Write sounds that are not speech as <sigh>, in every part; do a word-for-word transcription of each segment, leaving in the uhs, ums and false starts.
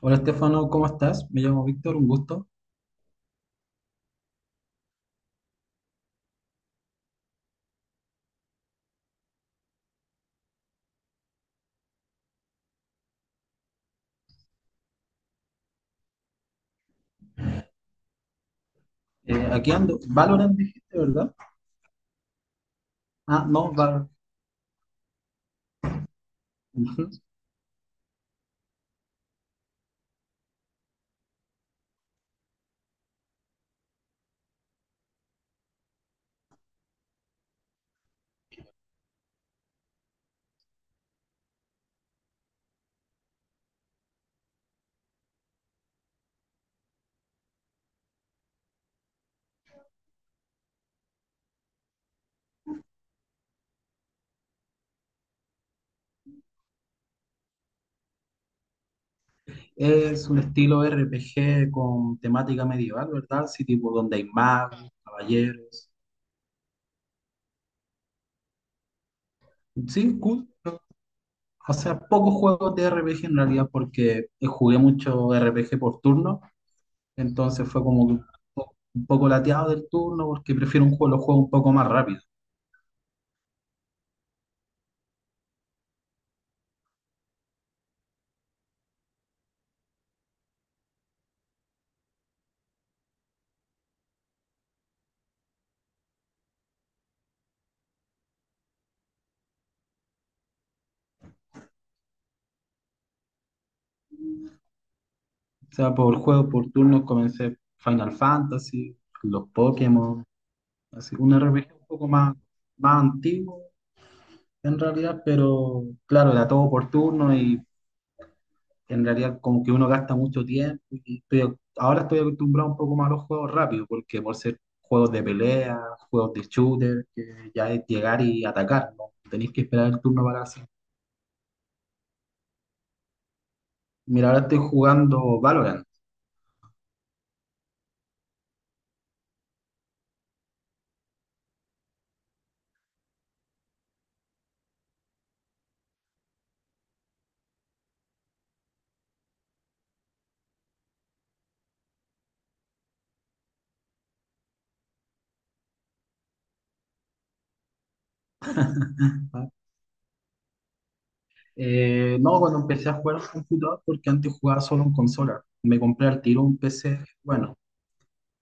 Hola Estefano, ¿cómo estás? Me llamo Víctor, un gusto. Eh, aquí ando. Valorant dijiste, ¿verdad? Ah, no, Valorant. Ujú. Es un estilo R P G con temática medieval, ¿verdad? Sí, tipo donde hay magos, caballeros. Sí, cool. O sea, pocos juegos de R P G en realidad porque eh, jugué mucho R P G por turno, entonces fue como que un po- un poco lateado del turno porque prefiero un juego, los juegos un poco más rápido. O sea, por juego por turno comencé Final Fantasy, los Pokémon. Así, un R P G un poco más, más antiguo en realidad, pero claro, era todo por turno y en realidad como que uno gasta mucho tiempo. Y estoy- ac- ahora estoy acostumbrado un poco más a los juegos rápidos, porque por ser juegos de pelea, juegos de shooter, que ya es llegar y atacar, ¿no? Tenéis que esperar el turno para hacer. Mira, ahora estoy jugando Valorant. ¿Ah? Eh, no, cuando empecé a jugar en computador, porque antes jugaba solo en consola. Me compré al tiro un P C, bueno,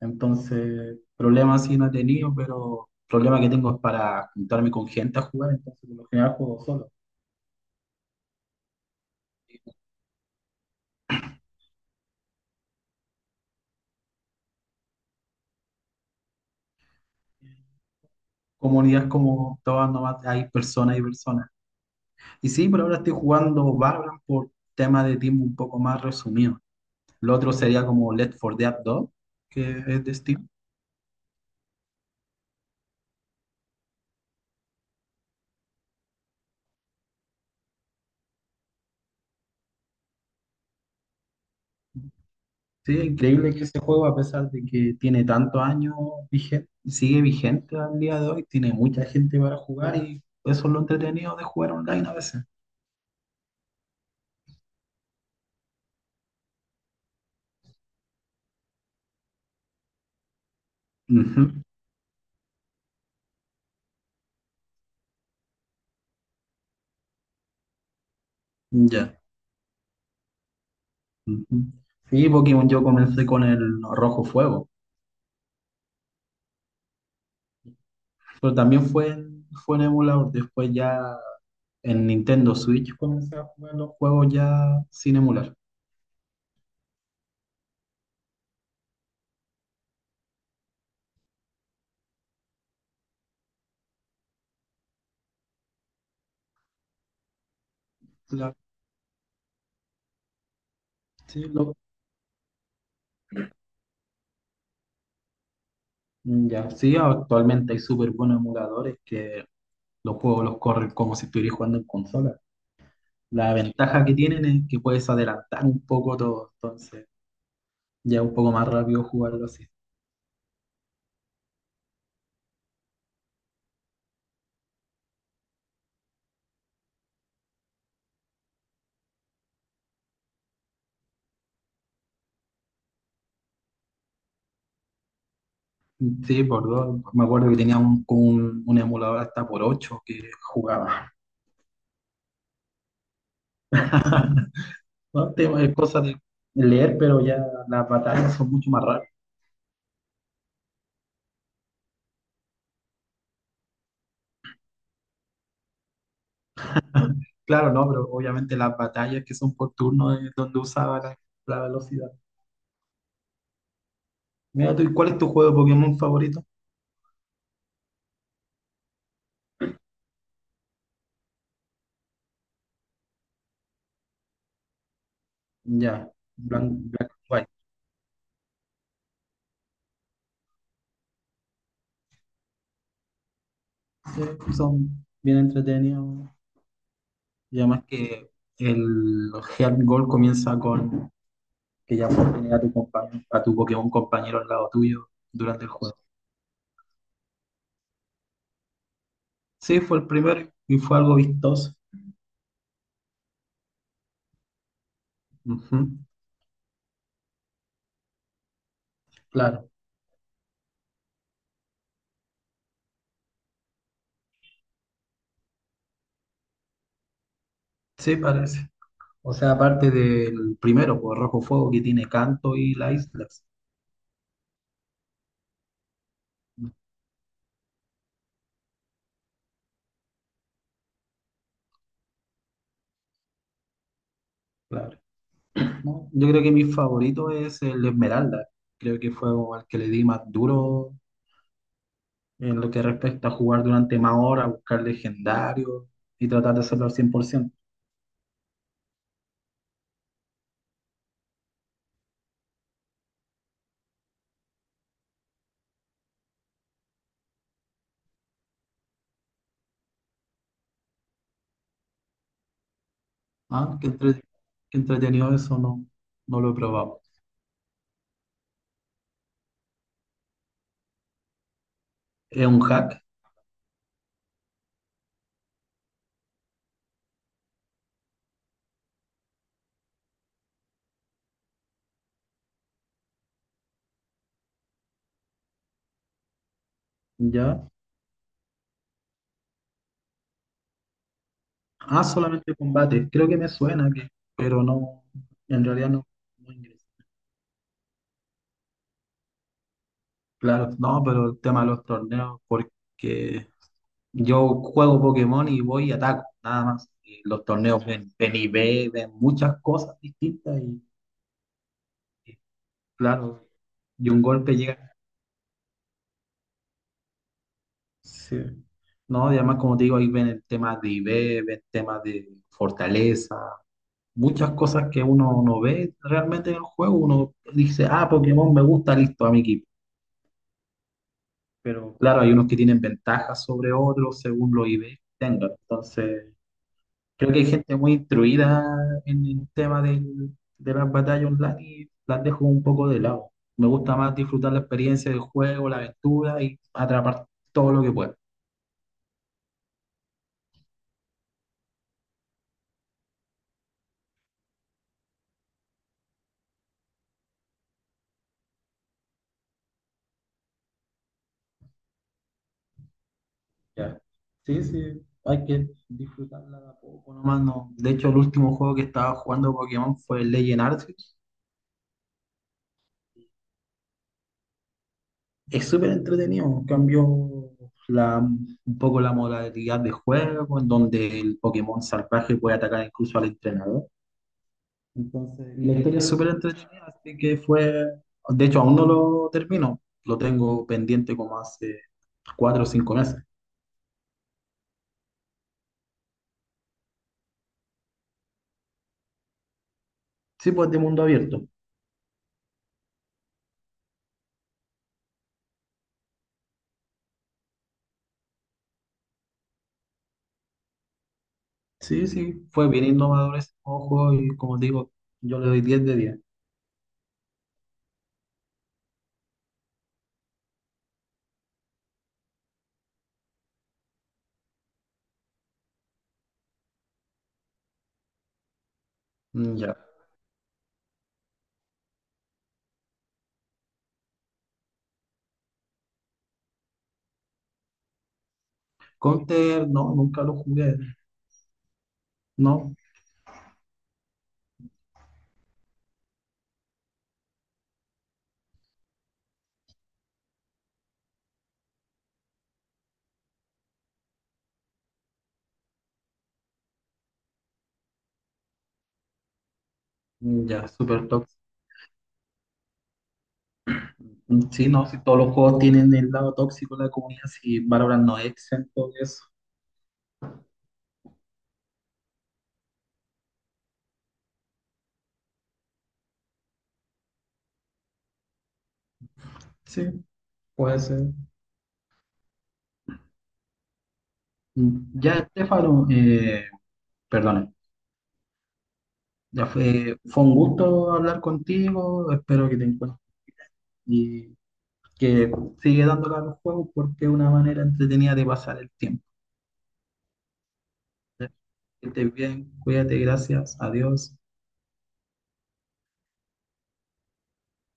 entonces, problemas sí no he tenido, pero problema que tengo es para juntarme con gente a jugar, entonces por lo general juego solo. Comunidades como todas nomás, hay personas y personas. Y sí, por ahora estoy jugando Valorant por tema de tiempo un poco más resumido. Lo otro sería como Left cuatro Dead dos, que es de Steam. Sí, es increíble que ese juego, a pesar de que tiene tantos años vigente, sigue vigente al día de hoy, tiene mucha gente para jugar y eso es lo entretenido de jugar online a veces. Ujú. Ya. Ujú. Sí, Pokémon yo comencé con el Rojo Fuego, pero también fue en, fue en emulador. Después ya en Nintendo Switch comencé a jugar los juegos ya sin emular. La- sí, lo- ya, sí, actualmente hay súper buenos emuladores que los juegos los corren como si estuvieras jugando en consola. La ventaja que tienen es que puedes adelantar un poco todo, entonces ya es un poco más rápido jugarlo así. Sí, por dos. Me acuerdo que tenía un, un, un emulador hasta por ocho que jugaba. <laughs> No, te- es cosa de leer, pero ya las batallas son mucho más rápidas. Claro, no, pero obviamente las batallas que son por turno es donde usaba la, la velocidad. Mira tú, ¿y ¿cuál es tu juego de Pokémon favorito? Ya. Black, Black and White. Sí, son bien entretenidos. Y además que el Heart Gold comienza con que ya puedes tener a tu compañero, a tu Pokémon compañero al lado tuyo durante el juego. Sí, fue el primero y fue algo vistoso. Ujú. Claro, sí, parece. O sea, aparte del primero, por Rojo Fuego, que tiene Canto y La Isla. Claro. No, yo creo que mi favorito es el Esmeralda. Creo que fue como el que le di más duro en lo que respecta a jugar durante más horas, buscar legendarios y tratar de hacerlo al cien por ciento. Ah, qué entre- qué entretenido eso, no, no lo he probado. Es un hack, ¿ya? Ah, solamente combate. Creo que me suena, que, pero no, en realidad no, no ingresé. Claro, no, pero el tema de los torneos, porque yo juego Pokémon y voy y ataco, nada más. Y los torneos ven, ven y ve, ven muchas cosas distintas y, y claro, y un golpe llega. Sí. No, y además, como te digo, ahí ven el tema de I V, ven temas de fortaleza, muchas cosas que uno no ve realmente en el juego. Uno dice, ah, Pokémon me gusta, listo, a mi equipo. Pero claro, hay unos que tienen ventajas sobre otros según los I V que tengan. Entonces. Creo que hay gente muy instruida en el tema del- de las batallas online y las dejo un poco de lado. Me gusta más disfrutar la experiencia del juego, la aventura y atrapar todo lo que pueda. Ya. Sí, sí, hay que disfrutarla de a poco nomás. No. De hecho, el último juego que estaba jugando Pokémon fue el Legend Arceus. Es súper entretenido. Cambió la, un poco la modalidad de juego, en donde el Pokémon salvaje puede atacar incluso al entrenador. Entonces, y la historia es súper entretenida, así que fue, de hecho aún no lo termino, lo tengo pendiente como hace cuatro o cinco meses. Sí, pues de mundo abierto. Sí, sí, fue bien innovador ese juego y como te digo, yo le doy diez de diez. Mm. Ya. Counter, no, nunca lo jugué, no. Mm. Ya, súper tóxico. Mm. Sí, no, si todos los juegos tienen el lado tóxico de la comunidad, si Valorant no es exento de eso. Sí, puede ser. Mm. Ya, Estefano, eh, perdón, ya fue, fue un gusto hablar contigo, espero que te encuentres y que sigue dándole a los juegos porque es una manera entretenida de pasar el tiempo. Que estés bien, cuídate, gracias, adiós.